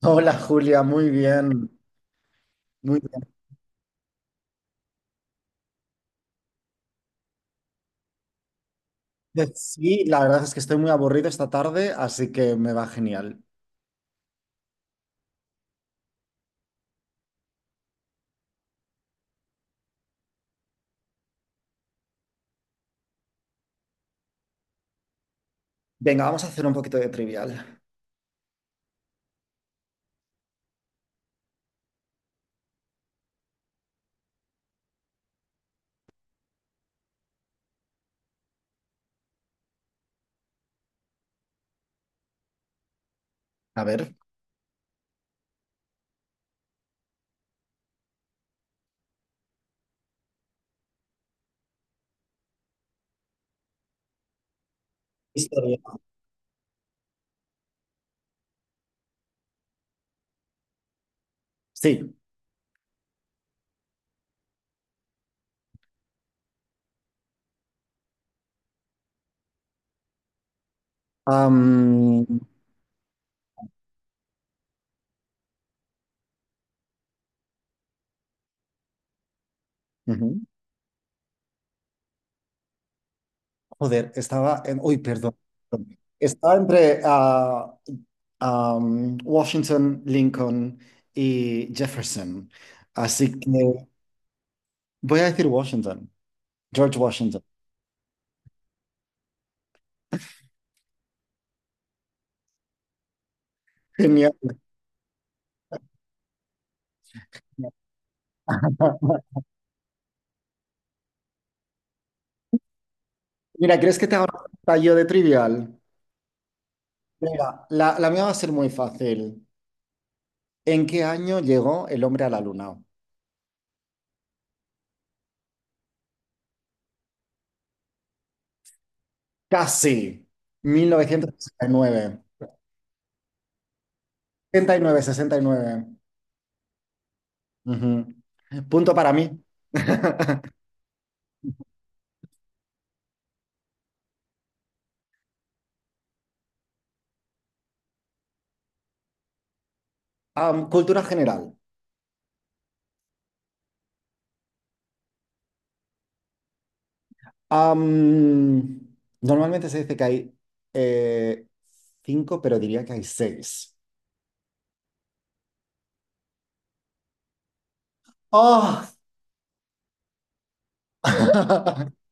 Hola Julia, muy bien, muy bien. Sí, la verdad es que estoy muy aburrido esta tarde, así que me va genial. Venga, vamos a hacer un poquito de trivial. A ver. Historia. Sí. am, Ujú. Joder, estaba en... Uy, perdón. Estaba entre Washington, Lincoln y Jefferson. Así que voy a decir Washington, George Washington. Genial. Mira, ¿crees que te haga un yo de trivial? Venga, la mía va a ser muy fácil. ¿En qué año llegó el hombre a la luna? Casi. Mil novecientos sesenta y nueve. Sesenta y nueve, sesenta y nueve. 1969. 69, 69. Ujú. Punto para mí. Cultura general. Am, Normalmente se dice que hay eh, cinco, pero diría que hay seis. ¡Oh!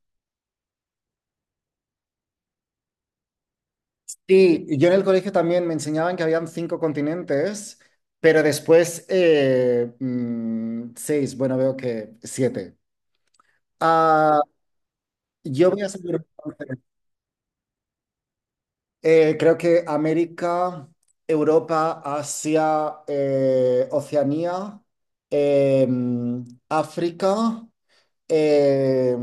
Sí, yo en el colegio también me enseñaban que habían 5 continentes, pero después seis, bueno, veo que siete. Ah, yo voy a saber, creo que América, Europa, Asia, Oceanía, eh, África, eh,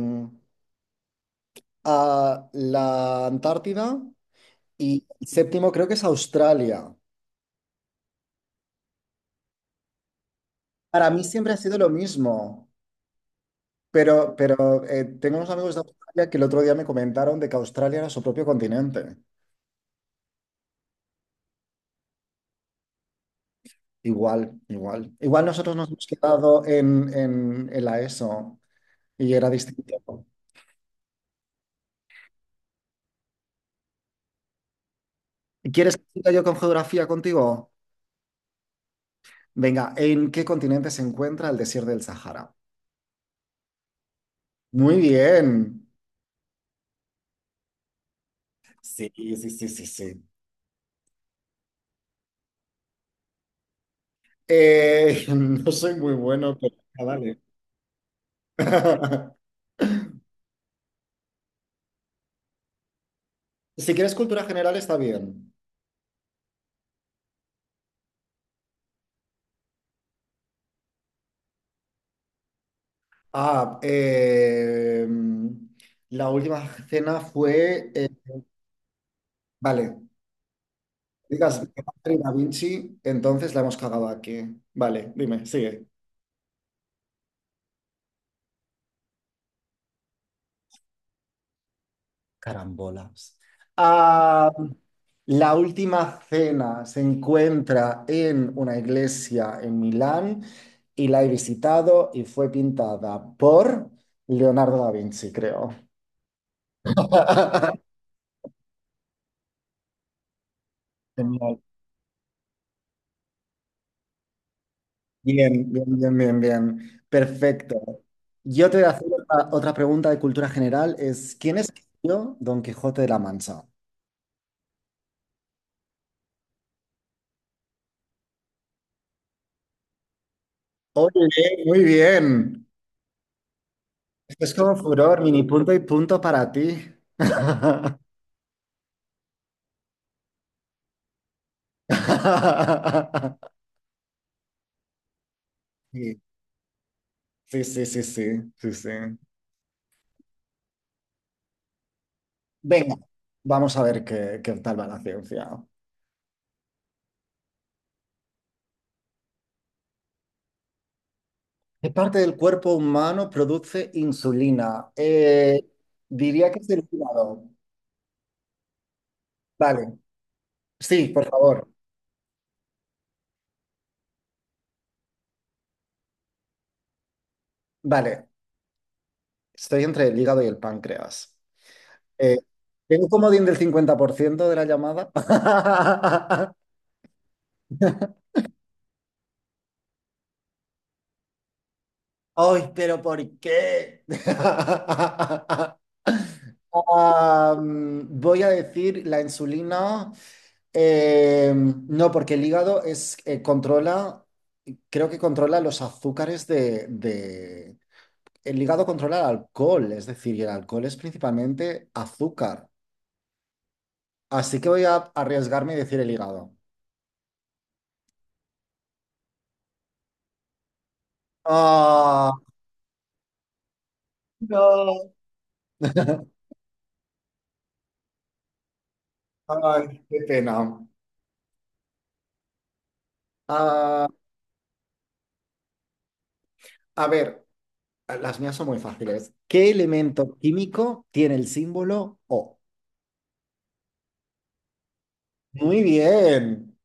a la Antártida y el séptimo creo que es Australia. Para mí siempre ha sido lo mismo. Pero tengo unos amigos de Australia que el otro día me comentaron de que Australia era su propio continente. Igual, igual. Igual nosotros nos hemos quedado en la ESO y era distinto. ¿Quieres que siga yo con geografía contigo? Venga, ¿en qué continente se encuentra el desierto del Sahara? Muy bien. Sí, sí, sí, sí, sí. No soy muy bueno, pero vale. Si quieres cultura general, está bien. Ah, eh, la última cena fue. Vale, digas Leonardo y Da Vinci, entonces la hemos cagado aquí. Vale, dime, sigue. Carambolas. Ah, la última cena se encuentra en una iglesia en Milán y la he visitado y fue pintada por Leonardo da Vinci, creo. Genial. Bien, bien, bien, bien, bien. Perfecto. Yo te voy a hacer otra pregunta de cultura general, es ¿quién escribió Don Quijote de la Mancha? Oye, muy bien. Esto es como furor, mini punto y punto para ti. Sí, sí, sí, sí, sí, sí, sí. Venga, vamos a ver qué tal va la ciencia. ¿Qué parte del cuerpo humano produce insulina? Diría que es el hígado. Vale, sí, por favor. Vale, estoy entre el hígado y el páncreas. Eh, ¿Tengo un comodín del 50% de la llamada? ¡Ay! Pero, ¿por qué? Voy a decir la insulina. No, porque el hígado es, controla, creo que controla los azúcares El hígado controla el alcohol, es decir, y el alcohol es principalmente azúcar. Así que voy a arriesgarme y decir el hígado. Ah, no. Ay, qué pena. Ah, a ver, las mías son muy fáciles. ¿Qué elemento químico tiene el símbolo O? Muy bien.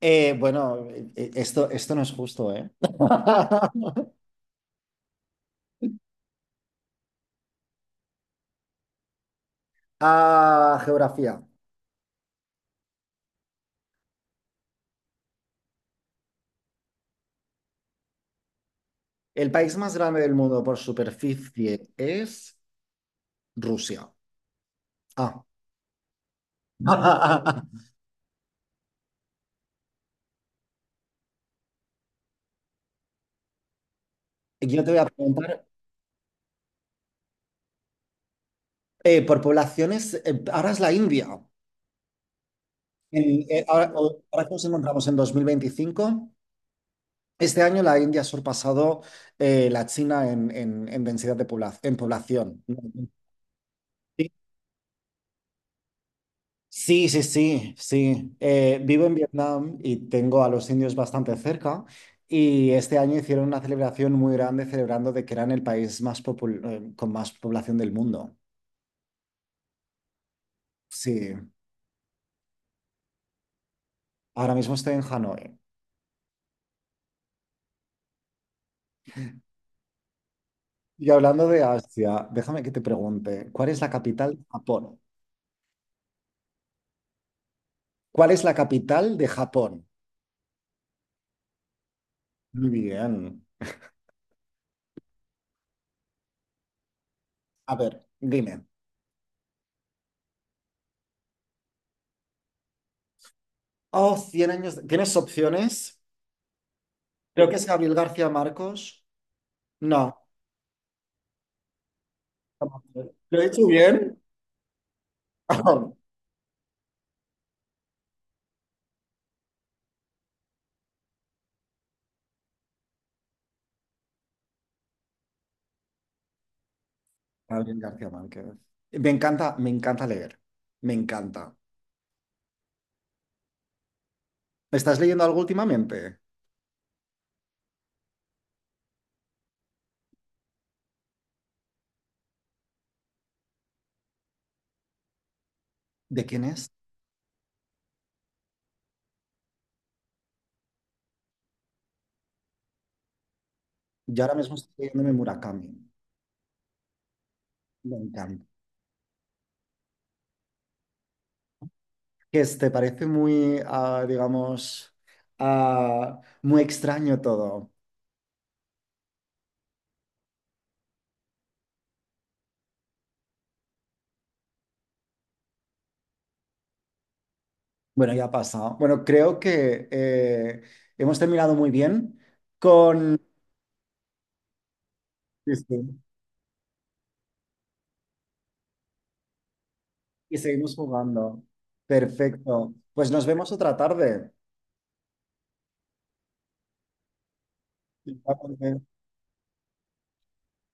Bueno, esto no es justo, ¿eh? Geografía. El país más grande del mundo por superficie es Rusia. Ah. Yo te voy a preguntar, por poblaciones, ahora es la India. Ahora que nos encontramos en 2025, este año la India ha sorpasado la China en, en densidad de población, en población, ¿no? Sí, sí, sí, sí. sí. Vivo en Vietnam y tengo a los indios bastante cerca y este año hicieron una celebración muy grande celebrando de que eran el país más con más población del mundo. Sí, ahora mismo estoy en Hanoi. Y hablando de Asia, déjame que te pregunte, ¿cuál es la capital de Japón? ¿Cuál es la capital de Japón? Muy bien. A ver, dime. Oh, 100 años. ¿Tienes opciones? Creo que es Gabriel García Marcos. No. ¿Lo he hecho bien? Gabriel García Márquez. Me encanta leer. Me encanta. ¿Estás leyendo algo últimamente? ¿De quién es? Yo ahora mismo estoy leyéndome Murakami. Me encanta. Te parece muy, digamos, muy extraño todo. Bueno, ya ha pasado. Bueno, creo que hemos terminado muy bien con... Sí, sí. Y seguimos jugando. Perfecto. Pues nos vemos otra tarde.